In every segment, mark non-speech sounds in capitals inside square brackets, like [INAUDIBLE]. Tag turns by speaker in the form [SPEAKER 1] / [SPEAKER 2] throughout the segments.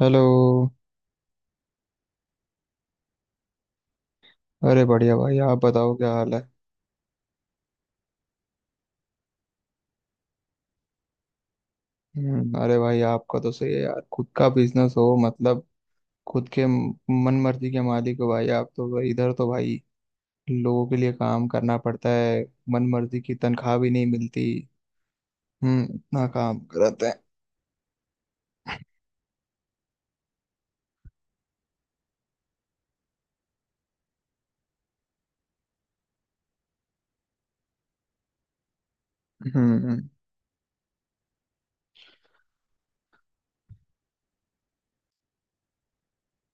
[SPEAKER 1] Hello. अरे बढ़िया भाई, आप बताओ क्या हाल है। अरे भाई, आपका तो सही है यार, खुद का बिजनेस हो मतलब खुद के मन मर्जी के मालिक हो भाई। आप तो भाई, इधर तो भाई लोगों के लिए काम करना पड़ता है, मन मर्जी की तनख्वाह भी नहीं मिलती। हम्म, इतना काम कराते हैं। हम्म।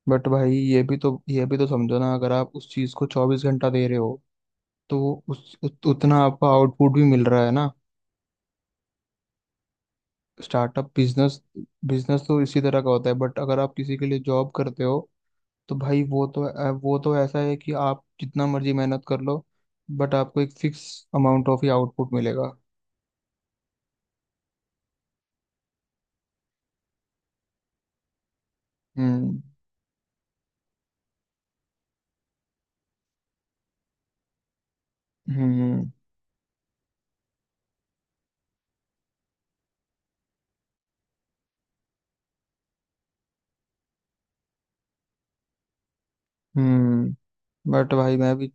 [SPEAKER 1] बट भाई ये भी तो समझो ना, अगर आप उस चीज को 24 घंटा दे रहे हो तो उतना आपको आउटपुट भी मिल रहा है ना। स्टार्टअप बिजनेस, बिजनेस तो इसी तरह का होता है। बट अगर आप किसी के लिए जॉब करते हो तो भाई वो तो ऐसा है कि आप जितना मर्जी मेहनत कर लो बट आपको एक फिक्स अमाउंट ऑफ ही आउटपुट मिलेगा। हम्म। हम्म। हम्म। बट भाई मैं भी।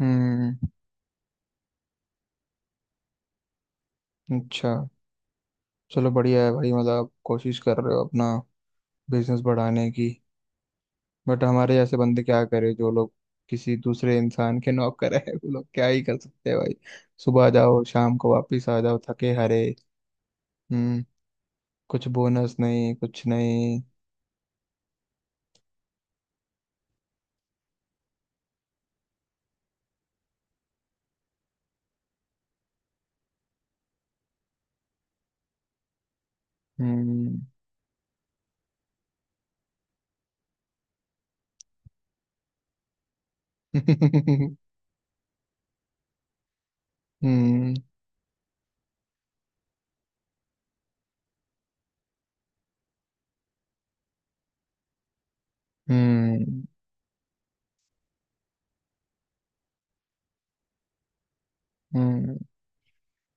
[SPEAKER 1] हम्म। अच्छा, चलो बढ़िया है भाई। मतलब आप कोशिश कर रहे हो अपना बिजनेस बढ़ाने की। बट हमारे ऐसे बंदे क्या करे, जो लोग किसी दूसरे इंसान के नौकर करे वो लोग क्या ही कर सकते हैं भाई। सुबह जाओ, शाम को वापिस आ जाओ थके हारे। हम्म। कुछ बोनस नहीं, कुछ नहीं। हम्म। [LAUGHS] हम्म। हम्म। हम्म।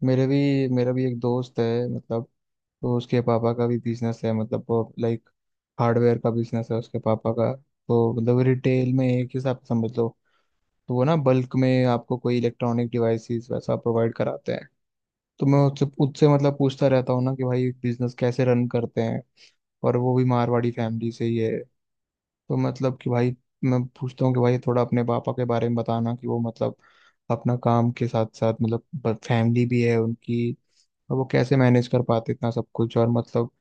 [SPEAKER 1] मेरे भी मेरा भी एक दोस्त है मतलब। तो उसके पापा का भी बिजनेस है मतलब, वो लाइक हार्डवेयर का बिजनेस है उसके पापा का। तो मतलब रिटेल में एक हिसाब से समझ लो। तो वो ना बल्क में आपको कोई इलेक्ट्रॉनिक डिवाइसेस वैसा प्रोवाइड कराते हैं। तो मैं उससे उससे मतलब पूछता रहता हूँ ना कि भाई बिजनेस कैसे रन करते हैं। और वो भी मारवाड़ी फैमिली से ही है। तो मतलब कि भाई मैं पूछता हूँ कि भाई, थोड़ा अपने पापा के बारे में बताना कि वो मतलब अपना काम के साथ साथ मतलब फैमिली भी है उनकी, और वो कैसे मैनेज कर पाते इतना सब कुछ और मतलब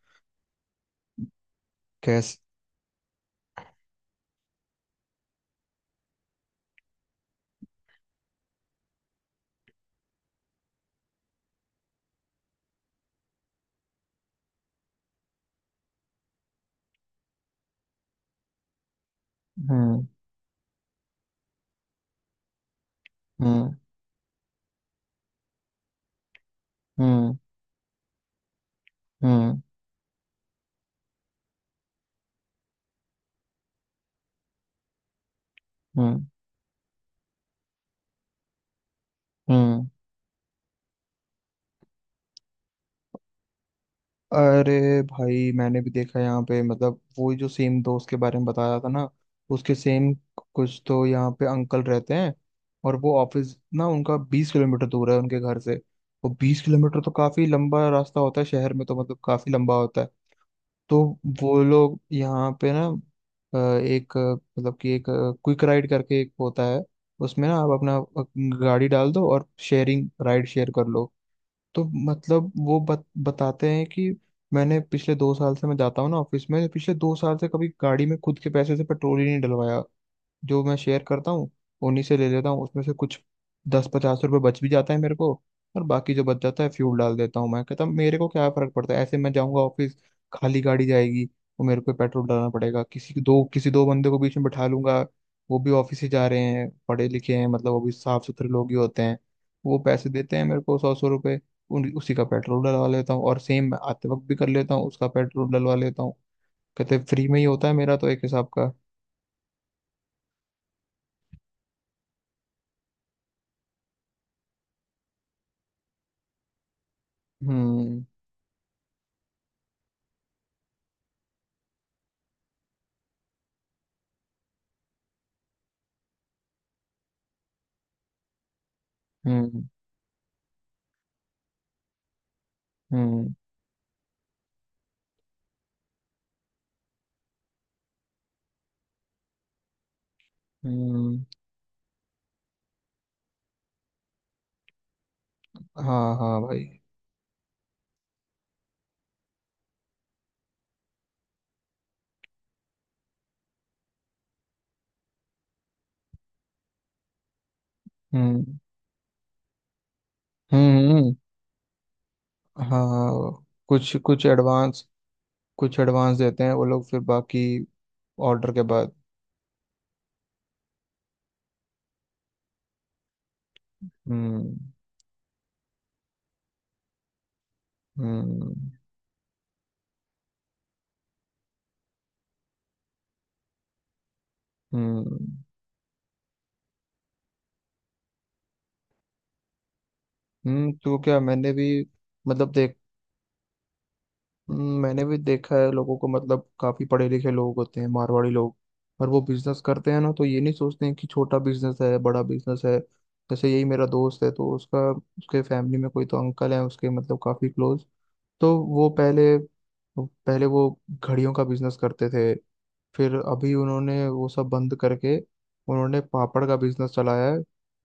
[SPEAKER 1] कैसे। हम्म। हम्म। हम्म। हम्म। हम्म। हम्म। अरे भाई, मैंने भी देखा यहाँ पे मतलब, वो जो सेम दोस्त के बारे में बताया था ना उसके सेम कुछ तो यहाँ पे अंकल रहते हैं। और वो ऑफिस ना उनका 20 किलोमीटर दूर है उनके घर से। वो 20 किलोमीटर तो काफी लंबा रास्ता होता है, शहर में तो मतलब काफी लंबा होता है। तो वो लोग यहाँ पे ना, अ, एक अ, मतलब कि एक क्विक राइड करके एक होता है। उसमें ना आप अपना गाड़ी डाल दो और शेयरिंग राइड शेयर कर लो। तो मतलब बताते हैं कि मैंने पिछले 2 साल से, मैं जाता हूँ ना ऑफिस में, तो पिछले 2 साल से कभी गाड़ी में खुद के पैसे से पेट्रोल ही नहीं डलवाया। जो मैं शेयर करता हूँ उन्हीं से ले लेता हूँ, उसमें से कुछ दस पचास रुपये बच भी जाता है मेरे को। और बाकी जो बच जाता है फ्यूल डाल देता हूँ। मैं कहता हूँ मेरे को क्या फर्क पड़ता है, ऐसे मैं जाऊँगा ऑफिस, खाली गाड़ी जाएगी और मेरे को पेट्रोल डालना पड़ेगा। किसी दो बंदे को बीच में बैठा लूंगा, वो भी ऑफिस ही जा रहे हैं, पढ़े लिखे हैं मतलब, वो भी साफ सुथरे लोग ही होते हैं। वो पैसे देते हैं मेरे को सौ सौ रुपये, उन उसी का पेट्रोल डलवा लेता हूँ और सेम मैं आते वक्त भी कर लेता हूँ उसका पेट्रोल डलवा लेता हूँ। कहते फ्री में ही होता है मेरा तो एक हिसाब का। हम्म। हम्म। हम्म। हम्म। हाँ हाँ भाई। हम्म। हम्म हम्म, हाँ हाँ, कुछ कुछ एडवांस, कुछ एडवांस देते हैं वो लोग फिर बाकी ऑर्डर के बाद। हम्म। हम्म। हम्म। हम्म। तो क्या मैंने भी मतलब देख। मैंने भी देखा है लोगों को मतलब, काफी पढ़े लिखे लोग होते हैं मारवाड़ी लोग। पर वो बिजनेस करते हैं ना तो ये नहीं सोचते हैं कि छोटा बिजनेस है बड़ा बिजनेस है। जैसे यही मेरा दोस्त है तो उसका उसके फैमिली में कोई तो अंकल है उसके, मतलब काफी क्लोज। तो वो पहले पहले वो घड़ियों का बिजनेस करते थे। फिर अभी उन्होंने वो सब बंद करके उन्होंने पापड़ का बिजनेस चलाया है।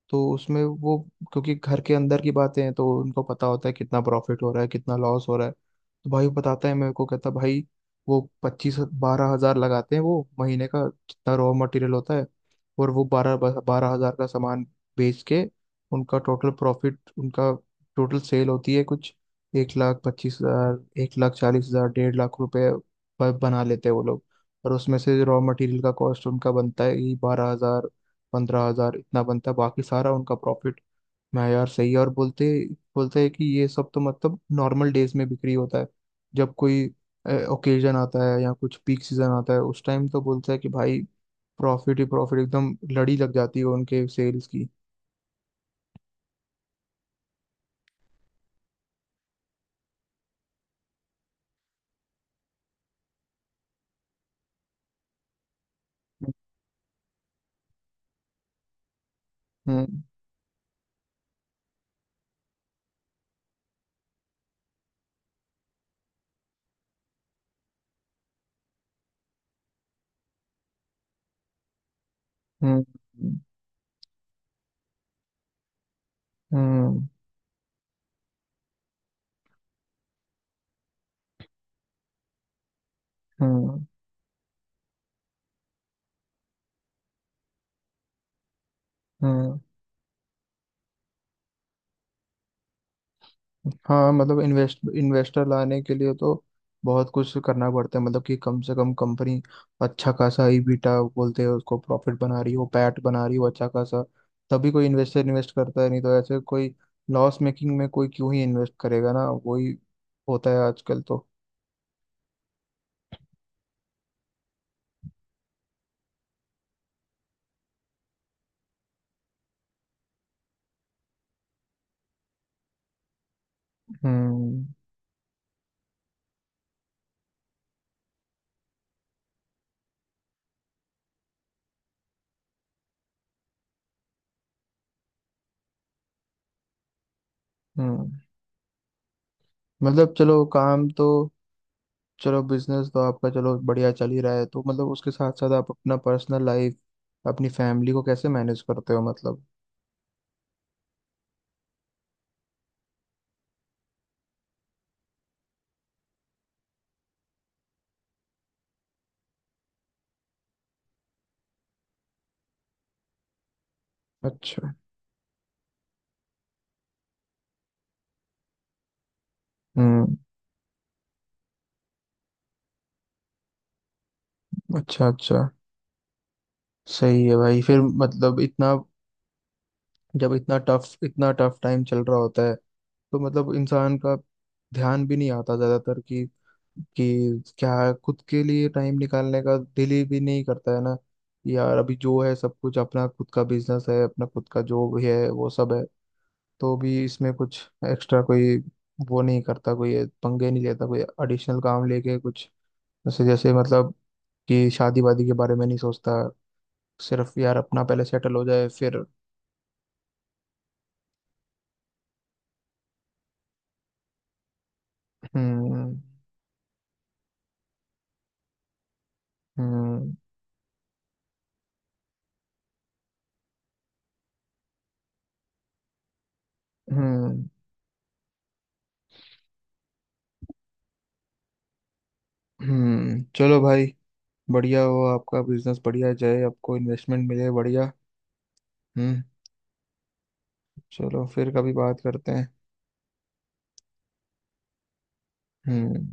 [SPEAKER 1] तो उसमें वो, क्योंकि घर के अंदर की बातें हैं तो उनको पता होता है कितना प्रॉफिट हो रहा है कितना लॉस हो रहा है। तो भाई वो बताता है मेरे को, कहता भाई वो पच्चीस 12 हजार लगाते हैं, वो महीने का जितना रॉ मटेरियल होता है। और वो बारह बारह हजार का सामान बेच के उनका टोटल प्रॉफिट, उनका टोटल सेल होती है कुछ 1 लाख 25 हजार, 1 लाख 40 हजार, 1.5 लाख रुपए बना लेते हैं वो लोग। और उसमें से रॉ मटेरियल का कॉस्ट उनका बनता है ही 12 हजार, 15 हजार इतना बनता है, बाकी सारा उनका प्रॉफिट। मैं यार सही है। और बोलते बोलते हैं कि ये सब तो मतलब नॉर्मल डेज में बिक्री होता है। जब कोई ओकेजन आता है या कुछ पीक सीजन आता है उस टाइम तो बोलता है कि भाई प्रॉफिट ही प्रॉफिट, एकदम लड़ी लग जाती है उनके सेल्स की। हम्म। हम्म। हम्म। हम्म। हम्म। हम्म। हाँ मतलब, इन्वेस्टर लाने के लिए तो बहुत कुछ करना पड़ता है। मतलब कि कम से कम कंपनी अच्छा खासा ईबीटा बोलते हैं उसको, प्रॉफिट बना रही हो, पैट बना रही हो अच्छा खासा, तभी कोई इन्वेस्टर इन्वेस्ट करता है। नहीं तो ऐसे कोई लॉस मेकिंग में कोई क्यों ही इन्वेस्ट करेगा ना। वही होता है आजकल तो। हम्म। हम्म। मतलब चलो काम तो, चलो बिजनेस तो आपका, चलो बढ़िया चल ही रहा है तो मतलब उसके साथ साथ आप अपना पर्सनल लाइफ, अपनी फैमिली को कैसे मैनेज करते हो मतलब। अच्छा। हम्म। अच्छा अच्छा। सही है भाई। फिर मतलब इतना, जब इतना टफ टाइम चल रहा होता है तो मतलब इंसान का ध्यान भी नहीं आता ज्यादातर कि क्या खुद के लिए टाइम निकालने का दिल ही भी नहीं करता है ना। यार अभी जो है सब कुछ अपना खुद का बिजनेस है, अपना खुद का जो भी है वो सब है, तो भी इसमें कुछ एक्स्ट्रा कोई वो नहीं करता, कोई पंगे नहीं लेता कोई एडिशनल काम लेके कुछ। जैसे जैसे मतलब कि शादी वादी के बारे में नहीं सोचता, सिर्फ यार अपना पहले सेटल हो जाए फिर। हम्म। हम्म। हम्म। हम्म। चलो भाई, बढ़िया हो आपका बिजनेस, बढ़िया जाए, आपको इन्वेस्टमेंट मिले बढ़िया। हम्म। चलो फिर कभी बात करते हैं। हम्म।